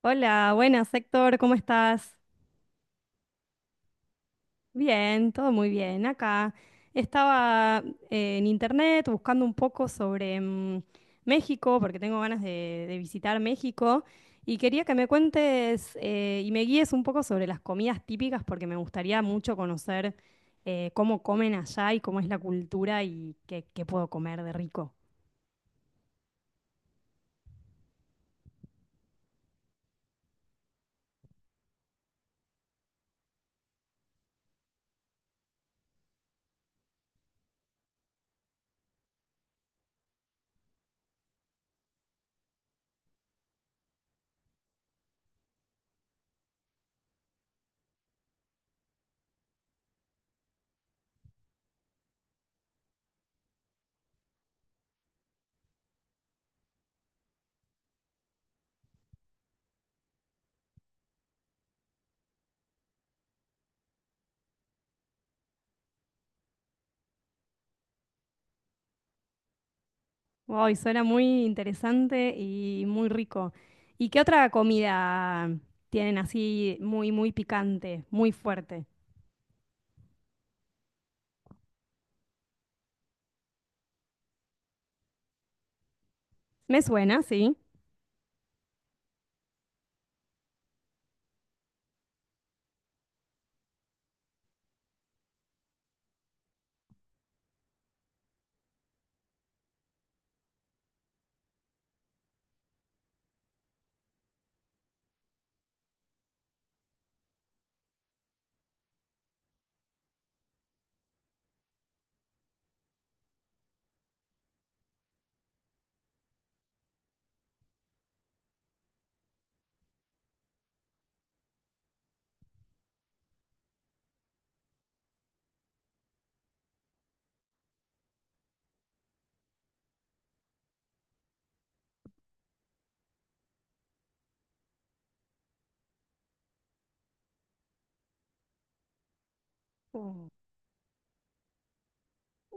Hola, buenas, Héctor, ¿cómo estás? Bien, todo muy bien. Acá estaba en internet buscando un poco sobre México, porque tengo ganas de visitar México, y quería que me cuentes y me guíes un poco sobre las comidas típicas, porque me gustaría mucho conocer cómo comen allá y cómo es la cultura y qué puedo comer de rico. Wow, y suena muy interesante y muy rico. ¿Y qué otra comida tienen así muy picante, muy fuerte? Me suena, sí.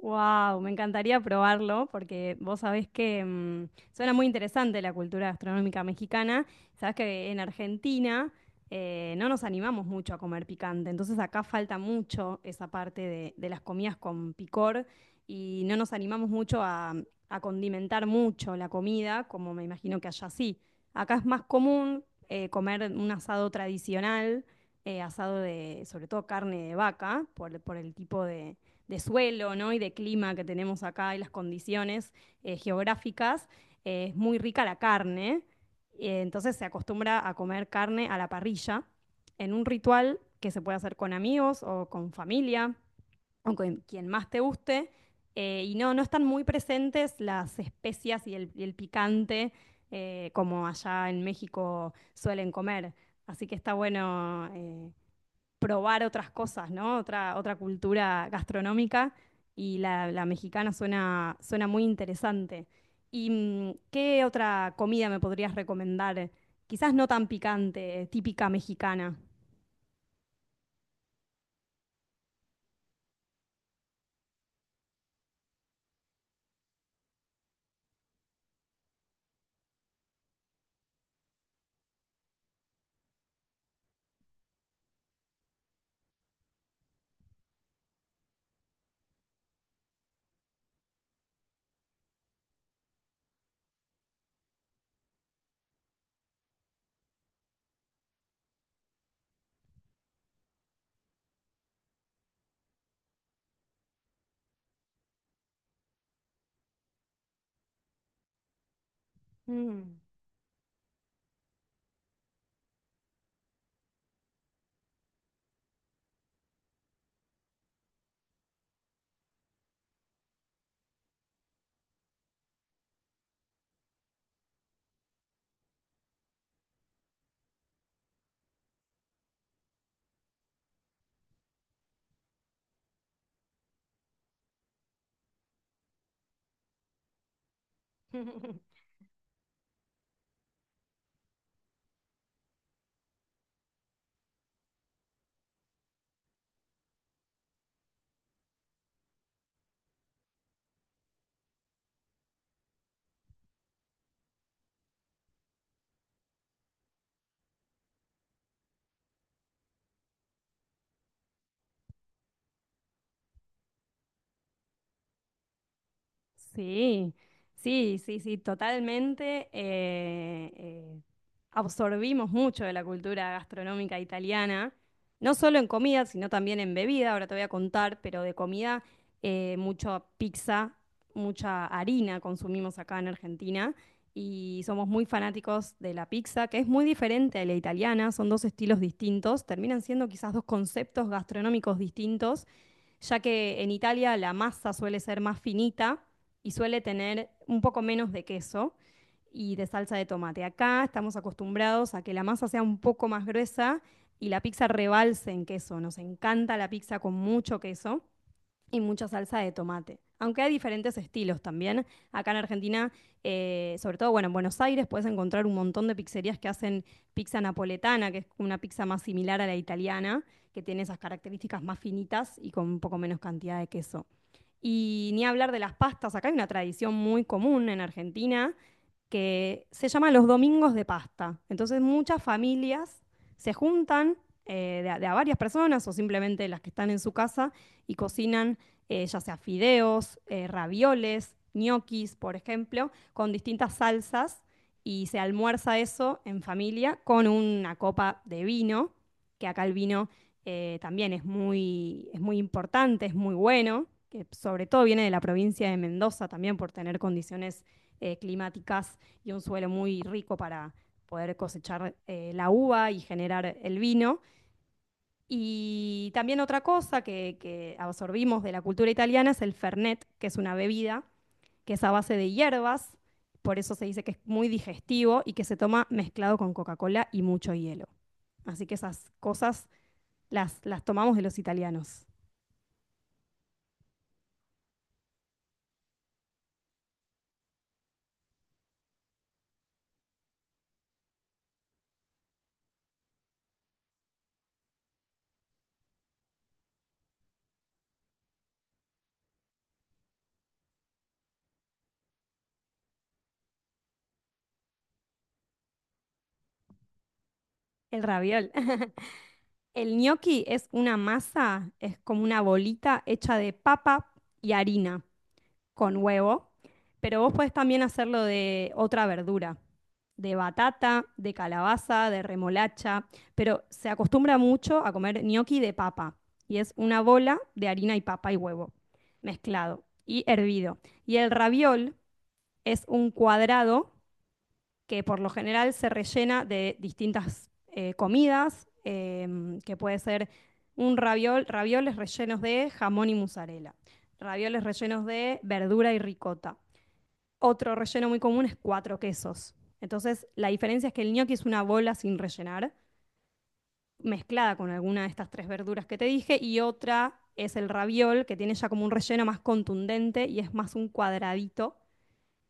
Wow, me encantaría probarlo porque vos sabés que suena muy interesante la cultura gastronómica mexicana. Sabés que en Argentina no nos animamos mucho a comer picante, entonces acá falta mucho esa parte de las comidas con picor y no nos animamos mucho a condimentar mucho la comida, como me imagino que allá sí. Acá es más común comer un asado tradicional, asado de sobre todo carne de vaca, por el tipo de suelo, ¿no? Y de clima que tenemos acá y las condiciones geográficas, es muy rica la carne. Entonces se acostumbra a comer carne a la parrilla en un ritual que se puede hacer con amigos o con familia o con quien más te guste. Y no, no están muy presentes las especias y y el picante como allá en México suelen comer. Así que está bueno probar otras cosas, ¿no? Otra cultura gastronómica y la mexicana suena, suena muy interesante. ¿Y qué otra comida me podrías recomendar? Quizás no tan picante, típica mexicana. Mm. Sí, sí, sí, sí, totalmente. Absorbimos mucho de la cultura gastronómica italiana, no solo en comida, sino también en bebida, ahora te voy a contar, pero de comida, mucha pizza, mucha harina consumimos acá en Argentina y somos muy fanáticos de la pizza, que es muy diferente a la italiana, son dos estilos distintos, terminan siendo quizás dos conceptos gastronómicos distintos ya que en Italia la masa suele ser más finita y suele tener un poco menos de queso y de salsa de tomate. Acá estamos acostumbrados a que la masa sea un poco más gruesa y la pizza rebalse en queso. Nos encanta la pizza con mucho queso y mucha salsa de tomate. Aunque hay diferentes estilos también. Acá en Argentina, sobre todo, bueno, en Buenos Aires puedes encontrar un montón de pizzerías que hacen pizza napoletana, que es una pizza más similar a la italiana, que tiene esas características más finitas y con un poco menos cantidad de queso. Y ni hablar de las pastas, acá hay una tradición muy común en Argentina que se llama los domingos de pasta. Entonces muchas familias se juntan de a varias personas o simplemente las que están en su casa y cocinan ya sea fideos, ravioles, ñoquis, por ejemplo, con distintas salsas y se almuerza eso en familia con una copa de vino, que acá el vino también es es muy importante, es muy bueno, que sobre todo viene de la provincia de Mendoza también por tener condiciones climáticas y un suelo muy rico para poder cosechar la uva y generar el vino. Y también otra cosa que absorbimos de la cultura italiana es el Fernet, que es una bebida que es a base de hierbas, por eso se dice que es muy digestivo y que se toma mezclado con Coca-Cola y mucho hielo. Así que esas cosas las tomamos de los italianos. El raviol. El gnocchi es una masa, es como una bolita hecha de papa y harina con huevo, pero vos podés también hacerlo de otra verdura, de batata, de calabaza, de remolacha, pero se acostumbra mucho a comer gnocchi de papa y es una bola de harina y papa y huevo mezclado y hervido. Y el raviol es un cuadrado que por lo general se rellena de distintas comidas, que puede ser un ravioles rellenos de jamón y mozzarella, ravioles rellenos de verdura y ricota. Otro relleno muy común es cuatro quesos. Entonces, la diferencia es que el gnocchi es una bola sin rellenar, mezclada con alguna de estas tres verduras que te dije, y otra es el raviol, que tiene ya como un relleno más contundente y es más un cuadradito,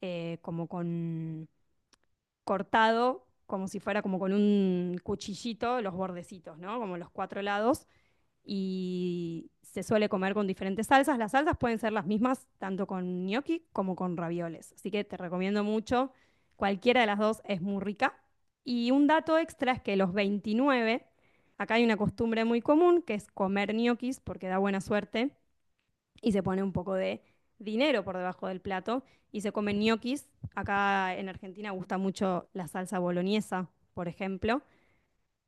como con cortado como si fuera como con un cuchillito los bordecitos, ¿no? Como los cuatro lados. Y se suele comer con diferentes salsas. Las salsas pueden ser las mismas tanto con gnocchi como con ravioles. Así que te recomiendo mucho. Cualquiera de las dos es muy rica. Y un dato extra es que los 29, acá hay una costumbre muy común que es comer ñoquis porque da buena suerte y se pone un poco de dinero por debajo del plato y se comen ñoquis. Acá en Argentina gusta mucho la salsa boloñesa, por ejemplo,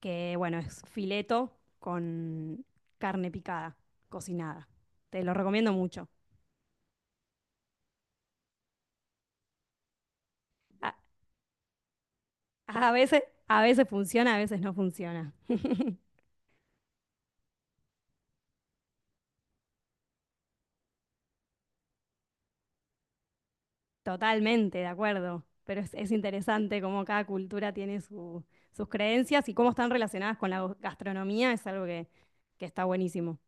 que bueno, es fileto con carne picada, cocinada. Te lo recomiendo mucho. A, a veces, a veces funciona, a veces no funciona. Totalmente, de acuerdo. Pero es interesante cómo cada cultura tiene sus creencias y cómo están relacionadas con la gastronomía. Es algo que está buenísimo.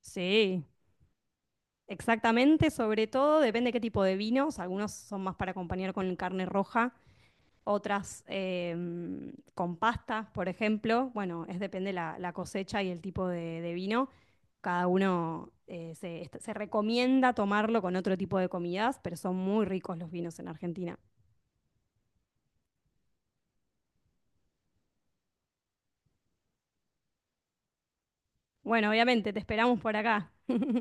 Sí. Exactamente, sobre todo depende qué tipo de vinos. Algunos son más para acompañar con carne roja, otras con pastas, por ejemplo. Bueno, es depende la cosecha y el tipo de vino. Cada uno se recomienda tomarlo con otro tipo de comidas, pero son muy ricos los vinos en Argentina. Bueno, obviamente, te esperamos por acá.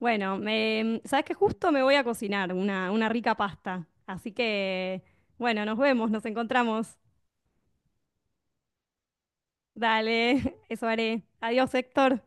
Bueno, sabes que justo me voy a cocinar una rica pasta. Así que, bueno, nos vemos, nos encontramos. Dale, eso haré. Adiós, Héctor.